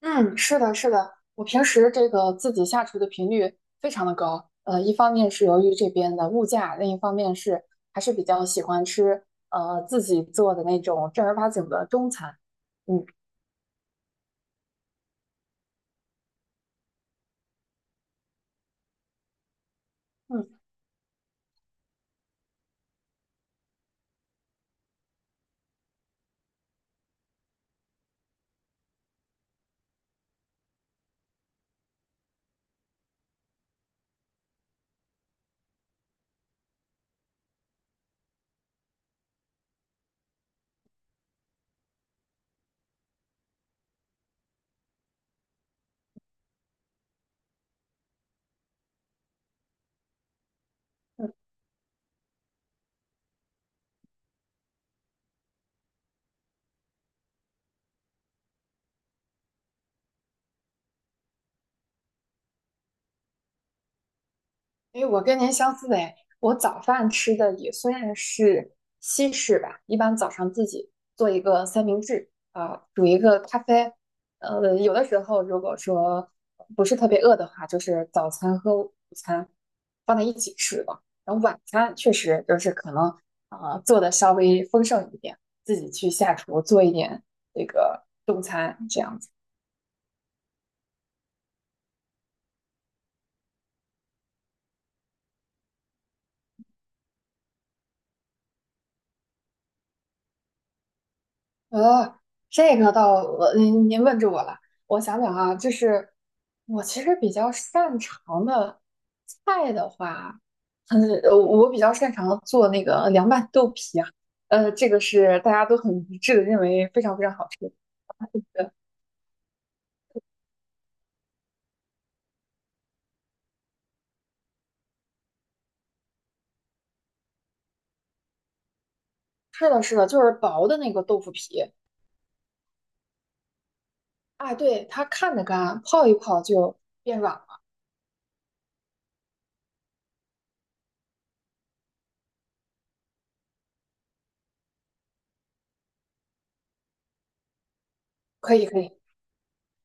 嗯，是的，是的，我平时这个自己下厨的频率非常的高，一方面是由于这边的物价，另一方面是还是比较喜欢吃自己做的那种正儿八经的中餐。嗯。嗯。哎，我跟您相似的，我早饭吃的也算是西式吧，一般早上自己做一个三明治，啊、煮一个咖啡，有的时候如果说不是特别饿的话，就是早餐和午餐放在一起吃吧。然后晚餐确实就是可能啊、做的稍微丰盛一点，自己去下厨做一点这个中餐这样。呃，这个倒，您问住我了。我想想啊，就是我其实比较擅长的菜的话，嗯，我比较擅长做那个凉拌豆皮啊。这个是大家都很一致的认为非常非常好吃。是的，是的，就是薄的那个豆腐皮。哎，对，它看着干，泡一泡就变软了。可以，可以。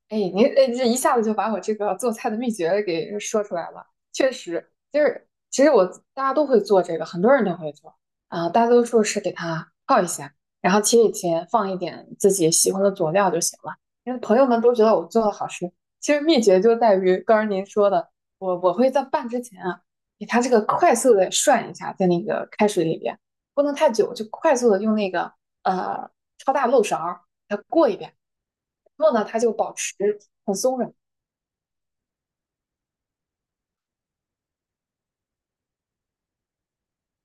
哎，您哎，这一下子就把我这个做菜的秘诀给说出来了。确实，就是其实我大家都会做这个，很多人都会做啊、大多数是给它泡一下，然后切一切，放一点自己喜欢的佐料就行了。因为朋友们都觉得我做的好吃，其实秘诀就在于刚刚您说的，我会在拌之前啊，给它这个快速的涮一下，在那个开水里边，不能太久，就快速的用那个呃超大漏勺儿给它过一遍。然后呢，它就保持很松软。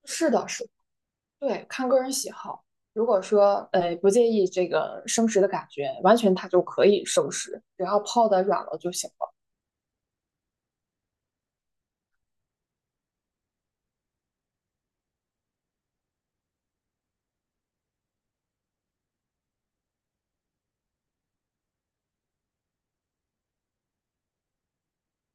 是的，是，对，看个人喜好。如果说不介意这个生食的感觉，完全它就可以生食，只要泡的软了就行了。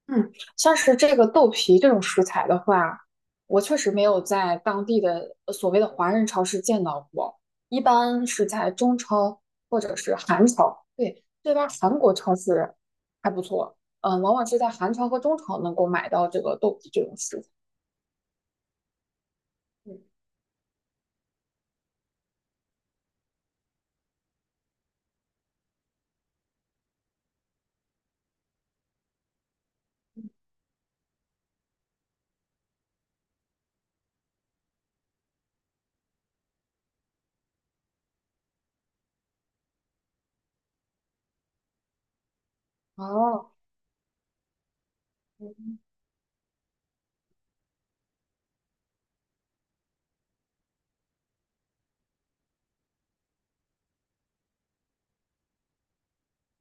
嗯，像是这个豆皮这种食材的话，我确实没有在当地的所谓的华人超市见到过，一般是在中超或者是韩超。对，这边儿韩国超市还不错，嗯、往往是在韩超和中超能够买到这个豆皮这种食材。嗯哦，嗯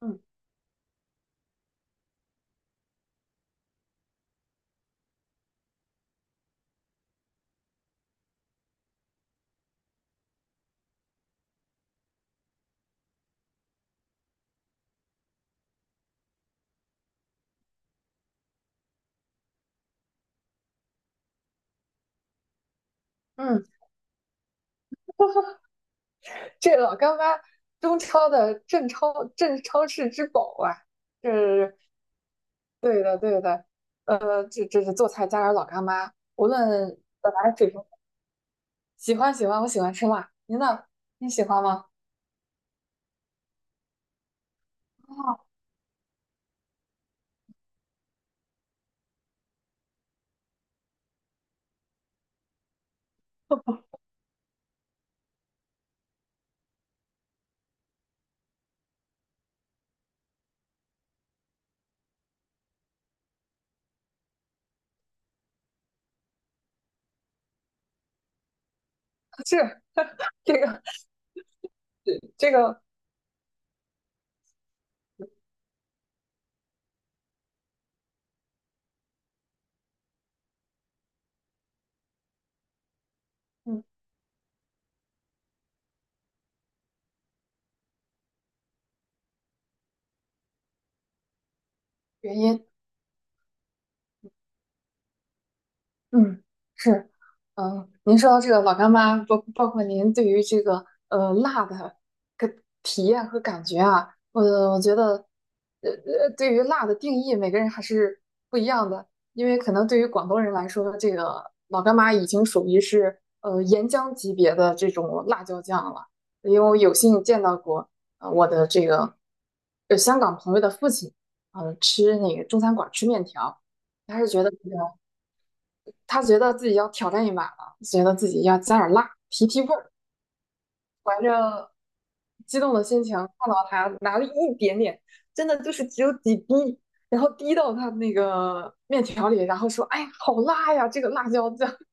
嗯嗯，这老干妈，中超的镇超市之宝啊，这是对的对的，这这是做菜加点老干妈，无论本来嘴平，喜欢，我喜欢吃辣，您呢？你喜欢吗？啊，是这个这个，嗯，原因。嗯，是，嗯，您说到这个老干妈，包括您对于这个辣的个体验和感觉啊，我觉得，对于辣的定义，每个人还是不一样的，因为可能对于广东人来说，这个老干妈已经属于是岩浆级别的这种辣椒酱了，因为我有幸见到过，呃，我的这个香港朋友的父亲，呃，吃那个中餐馆儿吃面条，他是觉得这个。他觉得自己要挑战一把了，觉得自己要加点辣，提提味儿。激动的心情看到他拿了一点点，真的就是只有几滴，然后滴到他那个面条里，然后说："哎呀，好辣呀，这个辣椒酱。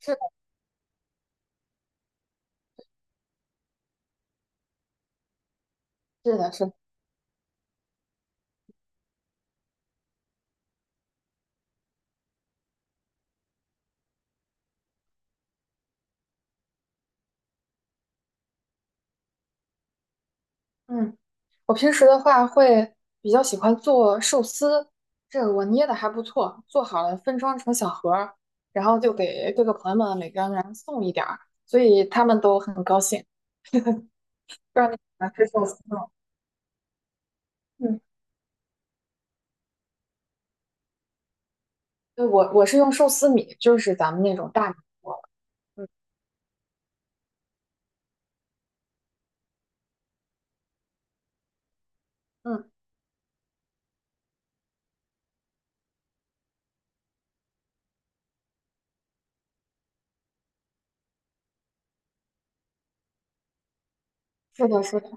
是的是的，是的嗯。我平时的话会比较喜欢做寿司，这个我捏的还不错，做好了分装成小盒儿，然后就给各个朋友们每个人送一点儿，所以他们都很高兴。不知道你喜欢吃寿司吗？嗯。对，我是用寿司米，就是咱们那种大米做的。嗯嗯，是的，是的。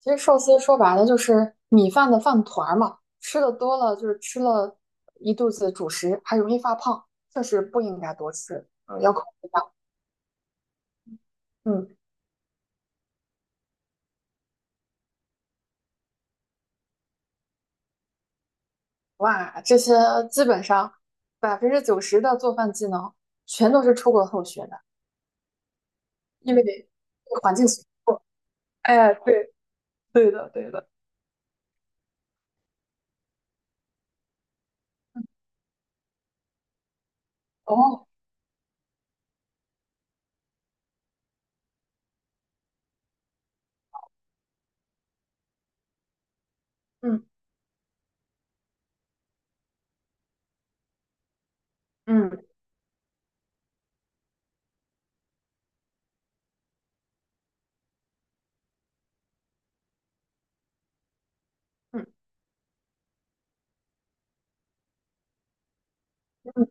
其实寿司说白了就是米饭的饭团儿嘛，吃的多了就是吃了一肚子主食，还容易发胖，确实不应该多吃，嗯，要控制量。嗯，哇，这些基本上90%的做饭技能全都是出国后学的，因为这个环境所迫。哎，对，对的，对的。哦，嗯嗯嗯嗯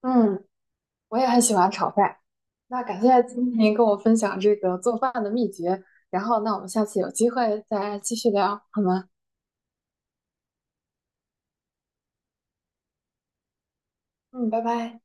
嗯，我也很喜欢炒饭。那感谢今天跟我分享这个做饭的秘诀，然后那我们下次有机会再继续聊，好吗？嗯，拜拜。